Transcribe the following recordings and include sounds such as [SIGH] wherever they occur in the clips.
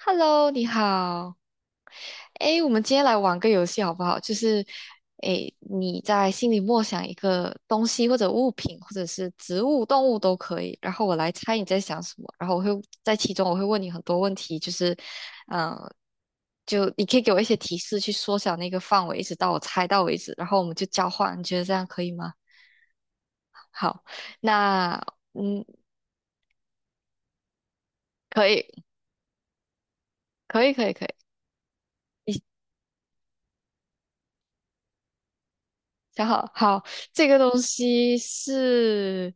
Hello，你好。诶，我们今天来玩个游戏好不好？就是，诶，你在心里默想一个东西或者物品，或者是植物、动物都可以，然后我来猜你在想什么，然后我会在其中我会问你很多问题，就是，嗯、就你可以给我一些提示去缩小那个范围，一直到我猜到为止，然后我们就交换，你觉得这样可以吗？好，那嗯，可以，可以，可以，可以。想好，好，这个东西是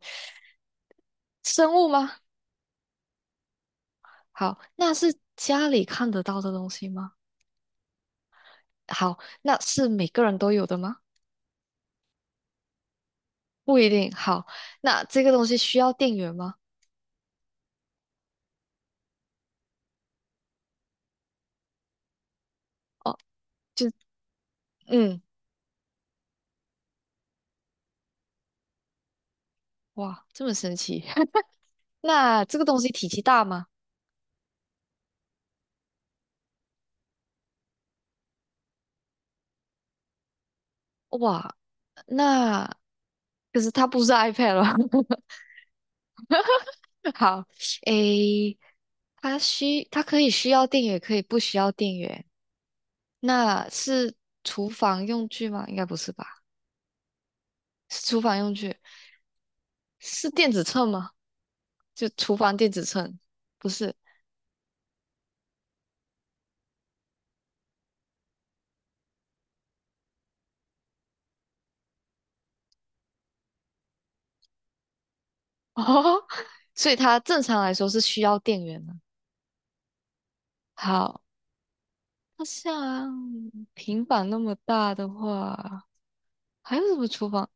生物吗？好，那是家里看得到的东西吗？好，那是每个人都有的吗？不一定。好，那这个东西需要电源吗？哦，就嗯，哇，这么神奇。[LAUGHS] 那这个东西体积大吗？哇，那可是它不是 iPad 了。[LAUGHS] 好，诶，它可以需要电源，也可以不需要电源。那是厨房用具吗？应该不是吧？是厨房用具，是电子秤吗？就厨房电子秤，不是 [LAUGHS] 哦，所以它正常来说是需要电源的。好，那像平板那么大的话，还有什么厨房？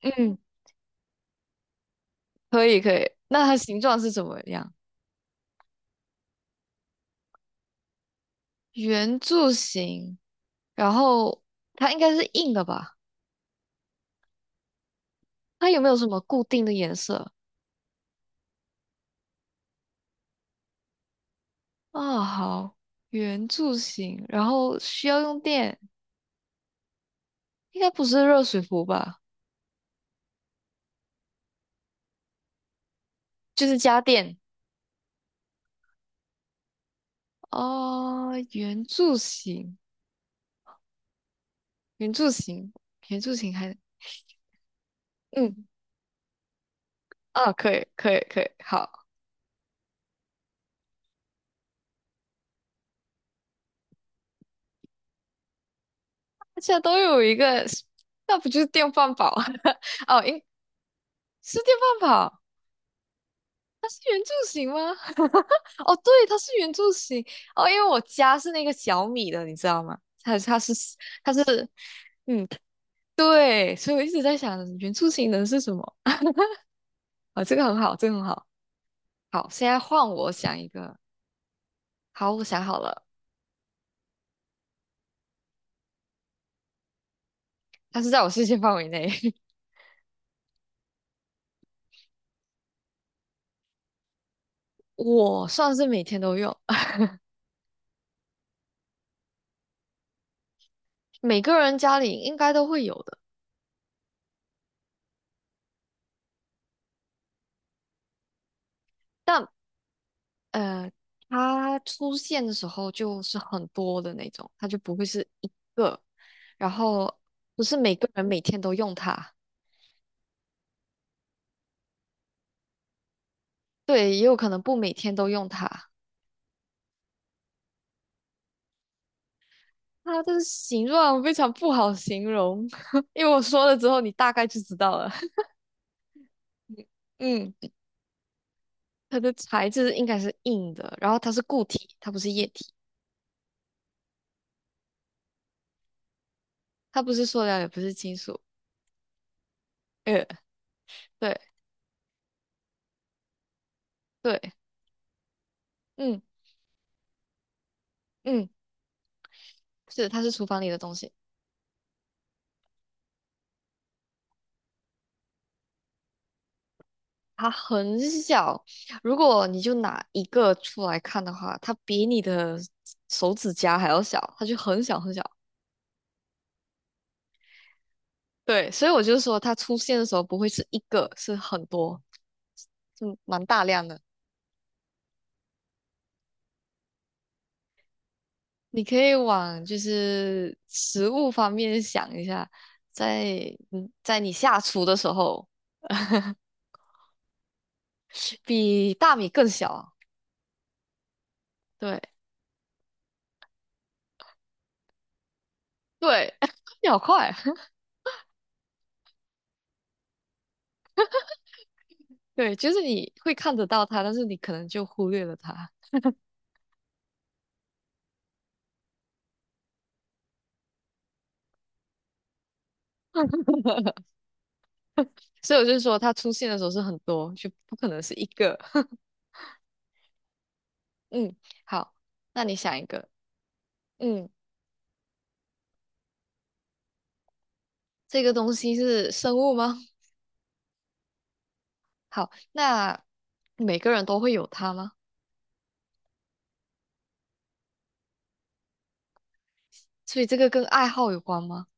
嗯，可以可以。那它形状是怎么样？圆柱形，然后它应该是硬的吧？它有没有什么固定的颜色？啊，好，圆柱形，然后需要用电，应该不是热水壶吧？就是家电。哦，圆柱形，圆柱形，圆柱形还，嗯，啊，可以，可以，可以，好，大家都有一个，那不就是电饭煲？[LAUGHS] 哦，应是电饭煲，它是圆柱形吗？[LAUGHS] 哦，对，它是圆柱形。哦，因为我家是那个小米的，你知道吗？它是，嗯，对，所以我一直在想原住型人是什么啊？这个很好，这个很好。好，现在换我想一个。好，我想好了，它是在我视线范围内，[LAUGHS] 我算是每天都用，[LAUGHS] 每个人家里应该都会有的。但呃，它出现的时候就是很多的那种，它就不会是一个，然后不是每个人每天都用它，对，也有可能不每天都用它。它的形状非常不好形容，[LAUGHS] 因为我说了之后，你大概就知道了。[LAUGHS] 嗯，它的材质应该是硬的，然后它是固体，它不是液体，它不是塑料，也不是金属。呃，对对，嗯嗯，是，它是厨房里的东西，它很小。如果你就拿一个出来看的话，它比你的手指甲还要小，它就很小很小。对，所以我就说它出现的时候不会是一个，是很多，是蛮大量的。你可以往就是食物方面想一下，在你下厨的时候，比大米更小啊，对对，[LAUGHS] 秒快，[LAUGHS] 对，就是你会看得到它，但是你可能就忽略了它，[LAUGHS] 所以我就说它出现的时候是很多，就不可能是一个。[LAUGHS] 嗯，好，那你想一个，嗯，这个东西是生物吗？[LAUGHS] 好，那每个人都会有它吗？所以这个跟爱好有关吗？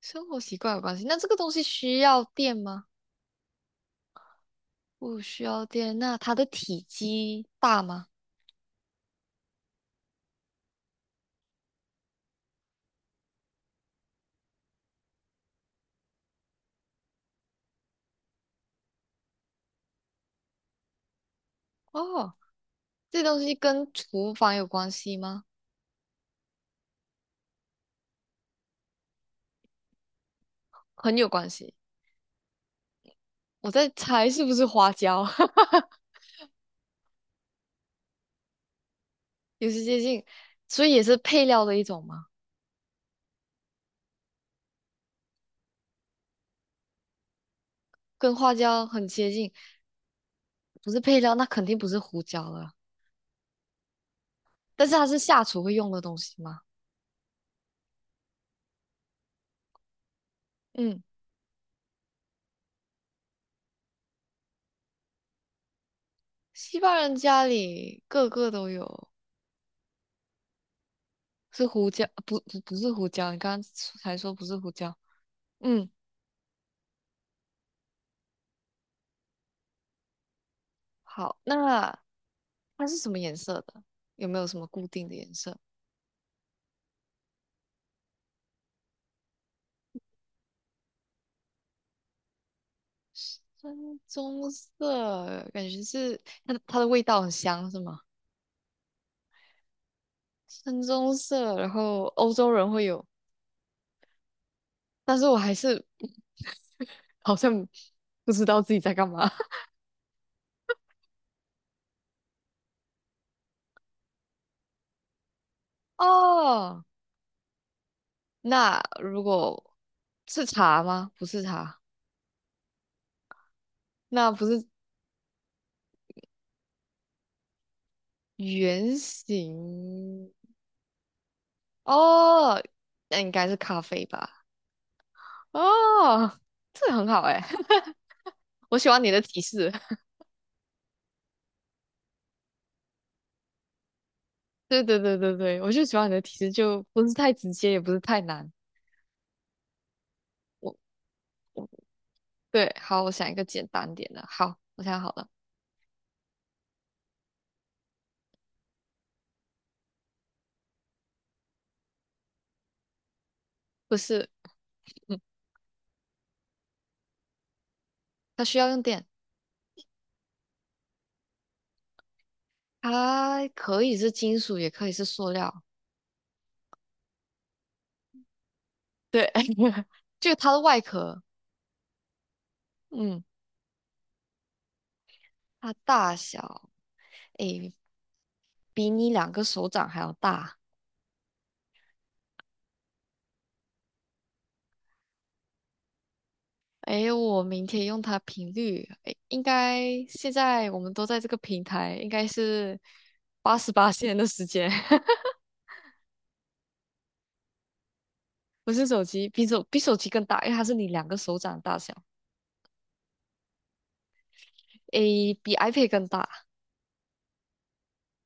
生活习惯有关系。那这个东西需要电吗？不需要电。那它的体积大吗？哦，这东西跟厨房有关系吗？很有关系。我在猜是不是花椒，[LAUGHS] 有些接近，所以也是配料的一种嘛，跟花椒很接近。不是配料，那肯定不是胡椒了。但是它是下厨会用的东西吗？嗯，西方人家里个个都有，是胡椒，不不不是胡椒，你刚刚才说不是胡椒。嗯。好，那它是什么颜色的？有没有什么固定的颜色？深棕色，感觉是它的味道很香，是吗？深棕色，然后欧洲人会有，但是我还是 [LAUGHS] 好像不知道自己在干嘛。[LAUGHS] 哦，那如果是茶吗？不是茶，那不是圆形哦，那应该是咖啡吧？哦，这很好哎，[LAUGHS] 我喜欢你的提示。对对对对对，我就喜欢你的提示，就不是太直接，也不是太难。我我对，好，我想一个简单点的。好，我想好了，不是，它需要用电，它可以是金属，也可以是塑料。对，[LAUGHS] 就它的外壳，嗯，它大小，诶，比你两个手掌还要大。诶，我明天用它频率，诶，应该现在我们都在这个平台，应该是88线的时间。[LAUGHS] 不是手机，比手机更大，因为它是你两个手掌大小，诶，比 iPad 更大，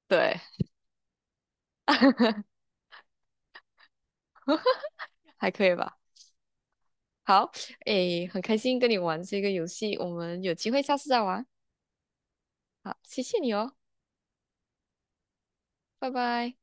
对，还可以吧？好，诶，很开心跟你玩这个游戏，我们有机会下次再玩。好，谢谢你哦，拜拜。